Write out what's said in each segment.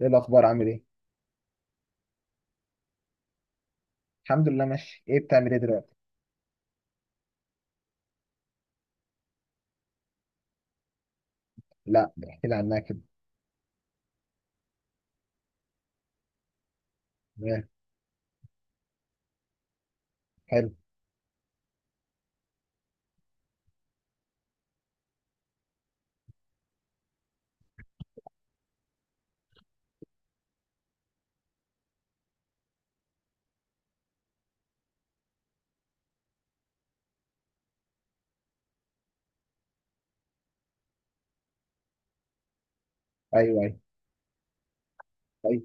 ايه الاخبار؟ عامل ايه؟ الحمد لله ماشي. ايه بتعمل ايه دلوقتي؟ لا، احكي لي عنها كده. إيه، حلو. ايوه، ايوه، ايوه،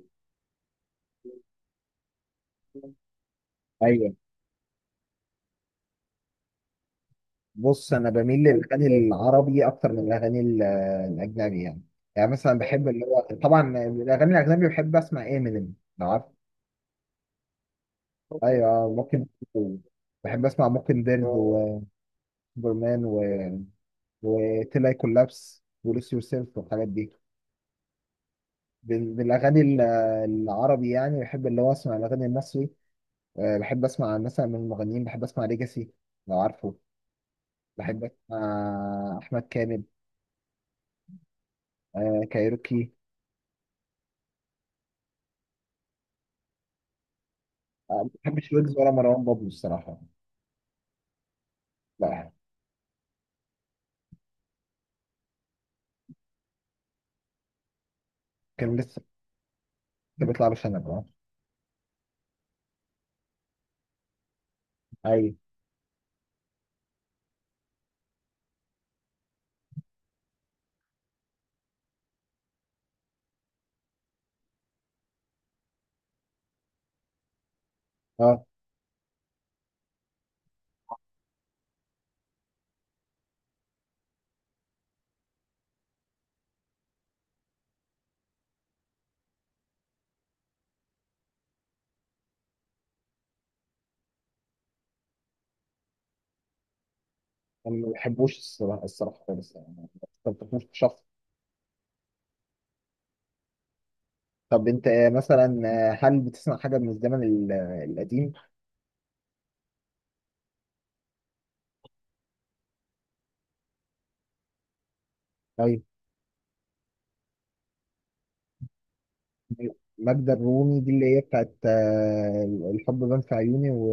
ايوه. بص، انا بميل للاغاني العربي اكتر من الاجنبي يعني. يعني مثلا بحب اللي هو طبعا الاغاني الاجنبي، بحب اسمع امينيم لو عارف. ايوه ممكن، بحب اسمع ممكن ديرز وبرمان وتلاي كولابس ولوس يور سيلف والحاجات دي. بالاغاني العربي يعني بحب اللي هو اسمع الاغاني المصري. بحب اسمع مثلا من المغنيين، بحب اسمع ليجاسي لو عارفه. بحب اسمع احمد كامل، كايروكي. ما بحبش ويجز ولا مروان بابلو الصراحه. لا، كان لسه، كان بيطلع باشا انا. ايوه. اه، انا ما بحبوش الصراحه، الصراحه خالص يعني. ما بحبوش شخص. طب انت مثلا، هل بتسمع حاجه من الزمن القديم؟ ايوه. ماجدة الرومي دي اللي هي بتاعت الحب بان في عيوني و...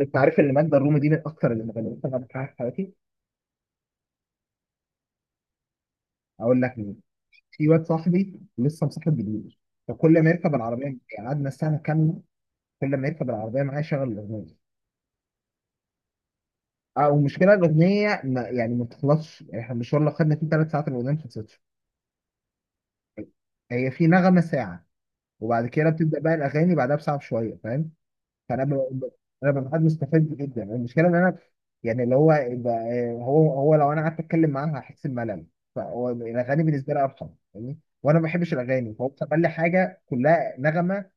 انت عارف ان ماجدة الرومي دي من اكثر المغنيين اللي مغنيين انا بحبها في حياتي. اقول لك مين؟ في واد صاحبي لسه مصاحب جديد، فكل ما يركب العربيه معايا، يعني قعدنا سنه كامله، كل ما يركب العربيه معايا يشغل الاغنيه. اه، والمشكله الاغنيه ما، يعني ما بتخلصش. يعني احنا المشوار اللي خدنا فيه ثلاث ساعات الاغنيه ما خلصتش. هي في نغمه ساعه، وبعد كده بتبدا بقى الاغاني بعدها بساعه بشويه فاهم. فانا ب... ب- انا ببقى قاعد مستفاد جدا، المشكله ان انا، يعني هو لو انا قعدت اتكلم معاها هحس بملل، فهو الاغاني بالنسبه لي ارحم. فاهمني؟ وانا ما بحبش الاغاني فهو بيسمع لي حاجه كلها نغمه،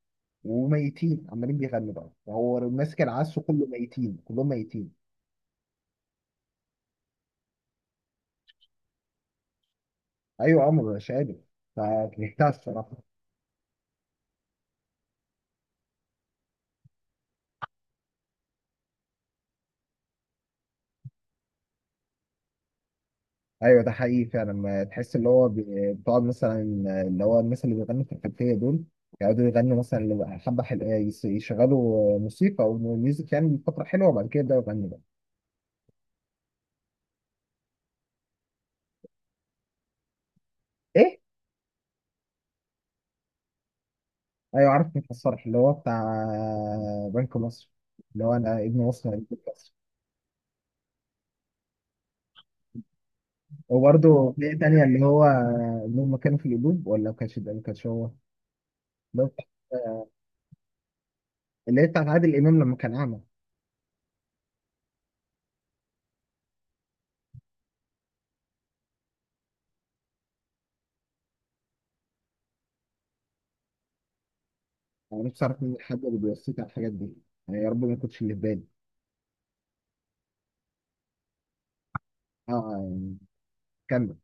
وميتين عمالين بيغنوا بقى، وهو ماسك العزف كله، ميتين كلهم ميتين. ايوه عمر مش قادر، فكرهتها الصراحه. ايوه ده حقيقي فعلا. ما تحس اللي هو بتقعد مثلا، اللي هو الناس اللي بيغنوا في الخلفيه دول يقعدوا يغنوا مثلا حبه حلوه، يشغلوا موسيقى او ميوزك يعني فتره حلوه، وبعد كده يبداوا يغنوا بقى. ايه. ايوه عارف، مين الصرح اللي هو بتاع بنك مصر، اللي هو انا ابن مصر، أنا ابن مصر. وبرده في إيه تانية اللي هو اللي هم كانوا في القلوب، ولا ما كانش ده، ما كانش هو. بس اللي هي بتاعت عادل امام لما كان اعمى. انا نفسي اعرف مين الحد اللي بيوصيك على الحاجات دي، يعني يا رب ما كنتش اللي في بالي. اه يعني. كمل.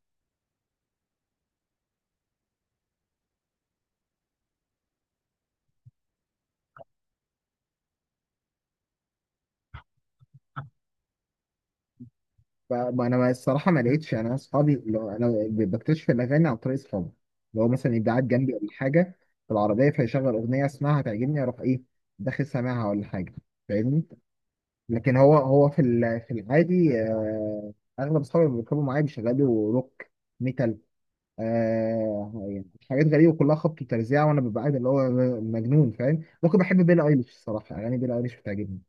ف- ما انا ما- الصراحه ما لقيتش. يعني انا اصحابي، لو انا بكتشف الاغاني عن طريق اصحابي، اللي هو مثلا يبقى قاعد جنبي ولا حاجه في العربيه فيشغل اغنيه، اسمعها تعجبني اروح ايه داخل سامعها ولا حاجه فاهمني. لكن هو في في العادي، اغلب اصحابي اللي بيركبوا معايا بيشغلوا روك ميتال، يعني حاجات غريبه كلها خبط وترزيع، وانا ببقى قاعد اللي هو مجنون فاهم. ممكن بحب بيلي ايليش الصراحه، اغاني بيلي ايليش بتعجبني.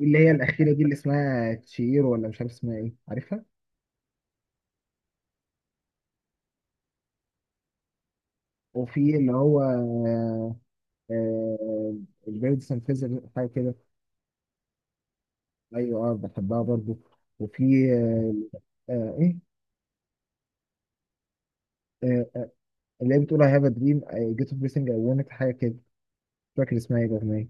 اللي هي الاخيره دي اللي اسمها تشير ولا مش عارف اسمها ايه، عارفها؟ وفي اللي هو آه البيرد سنفيزر حاجه كده. ايوه اه بحبها برضو. وفي آه ايه آه آه اللي هي بتقول I have a dream I get up everything I wanted حاجه كده، مش فاكر اسمها ايه الاغنيه.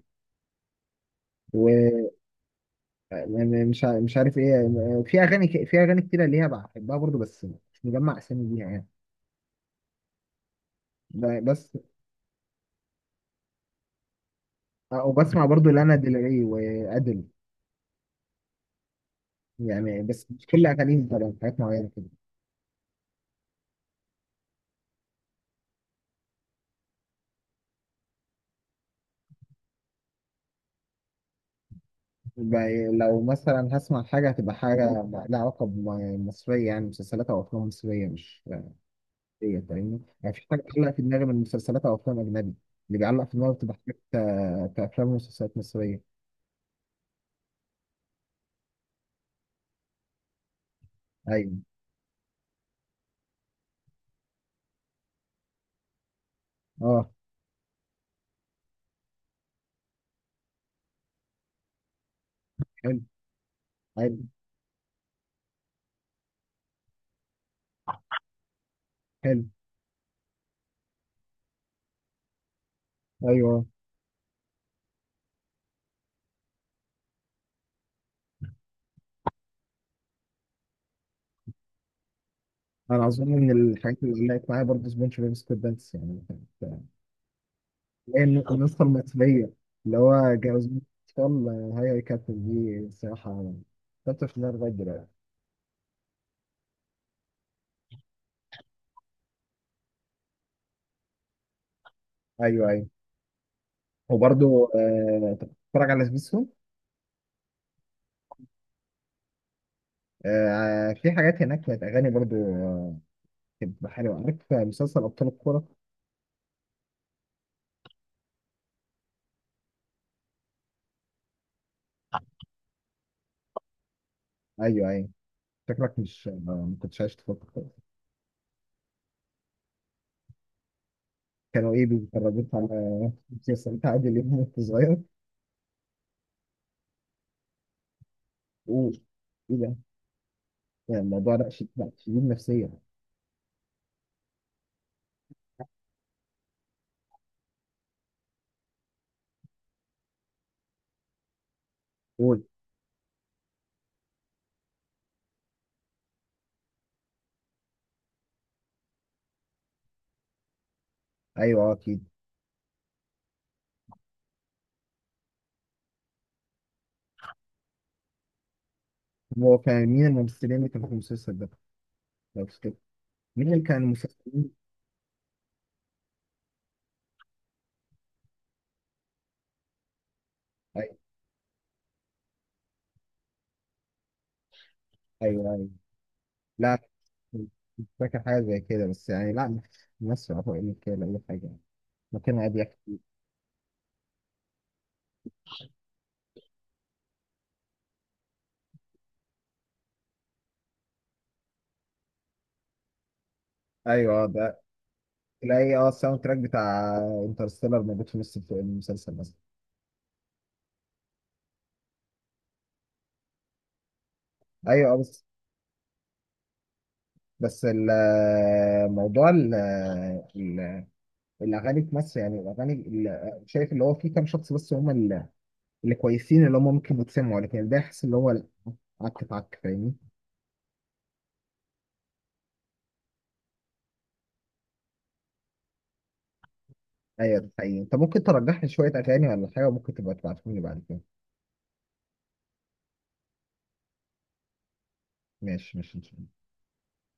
م- مش عارف ايه، في في اغاني كتيره ليها بحبها برضو، بس مش مجمع اسامي ليها يعني. بس وبسمع برضو لانا ديل ري وادل، يعني بس مش كل اغانيهم طبعا، حاجات معينه كده. ب- لو مثلا هسمع حاجه هتبقى حاجه لها علاقه بمصريه، يعني مسلسلات او افلام مصريه، مش ايه فاهمني، يعني في حاجه بتعلق في دماغي من مسلسلات او افلام اجنبي. اللي بيعلق في دماغي بتبقى حاجات كافلام ومسلسلات مصريه. ايوه اه، حلو حلو حلو. ايوه، انا اظن من الحاجات اللي علقت معايا برضه سبونج بوب سكويربانس يعني. كانت هي النسخه المصريه اللي هو جوازين اطفال. هاي يا كابتن دي الصراحه كنت في النار لغايه دلوقتي. ايوه ايوه. وبرضه أنت بتتفرج على سبيستون. في حاجات هناك كانت اغاني برضه كانت بتبقى حلوه، عارف مسلسل ابطال الكوره؟ ايوه ايوه. شكلك مش، ما كنتش عايش تفكر. كانوا ايه، بيتفرجوك على مسلسلات عادل امام وانت صغير؟ و... ايه ده؟ يعني الموضوع ده لا، شديد نفسيا. قول. ايوه اكيد. هو كان مين الممثلين اللي كانوا في المسلسل ده لو تفتكر؟ مين اللي كان الممثلين؟ ايوه ايوه ايوه. لا مش فاكر حاجه زي كده بس، يعني لا، ممثل عطاء اللي كده اي حاجه يعني، مكان عادي يحكي. ايوه ده تلاقي الساوند تراك بتاع انترستيلر موجود في نص المسلسل مثلا. ايوه اه بس. بس الموضوع، الاغاني في مصر يعني شايف اللي هو في كام شخص بس هم اللي كويسين اللي هم ممكن يتسمعوا، لكن ده يحس اللي هو لا، عك في عك فاهمني. ايوه ده حقيقي، انت ممكن ترجح لي شويه اغاني ولا حاجه، ممكن تبقى تبعتهم لي بعد كده. ماشي ماشي.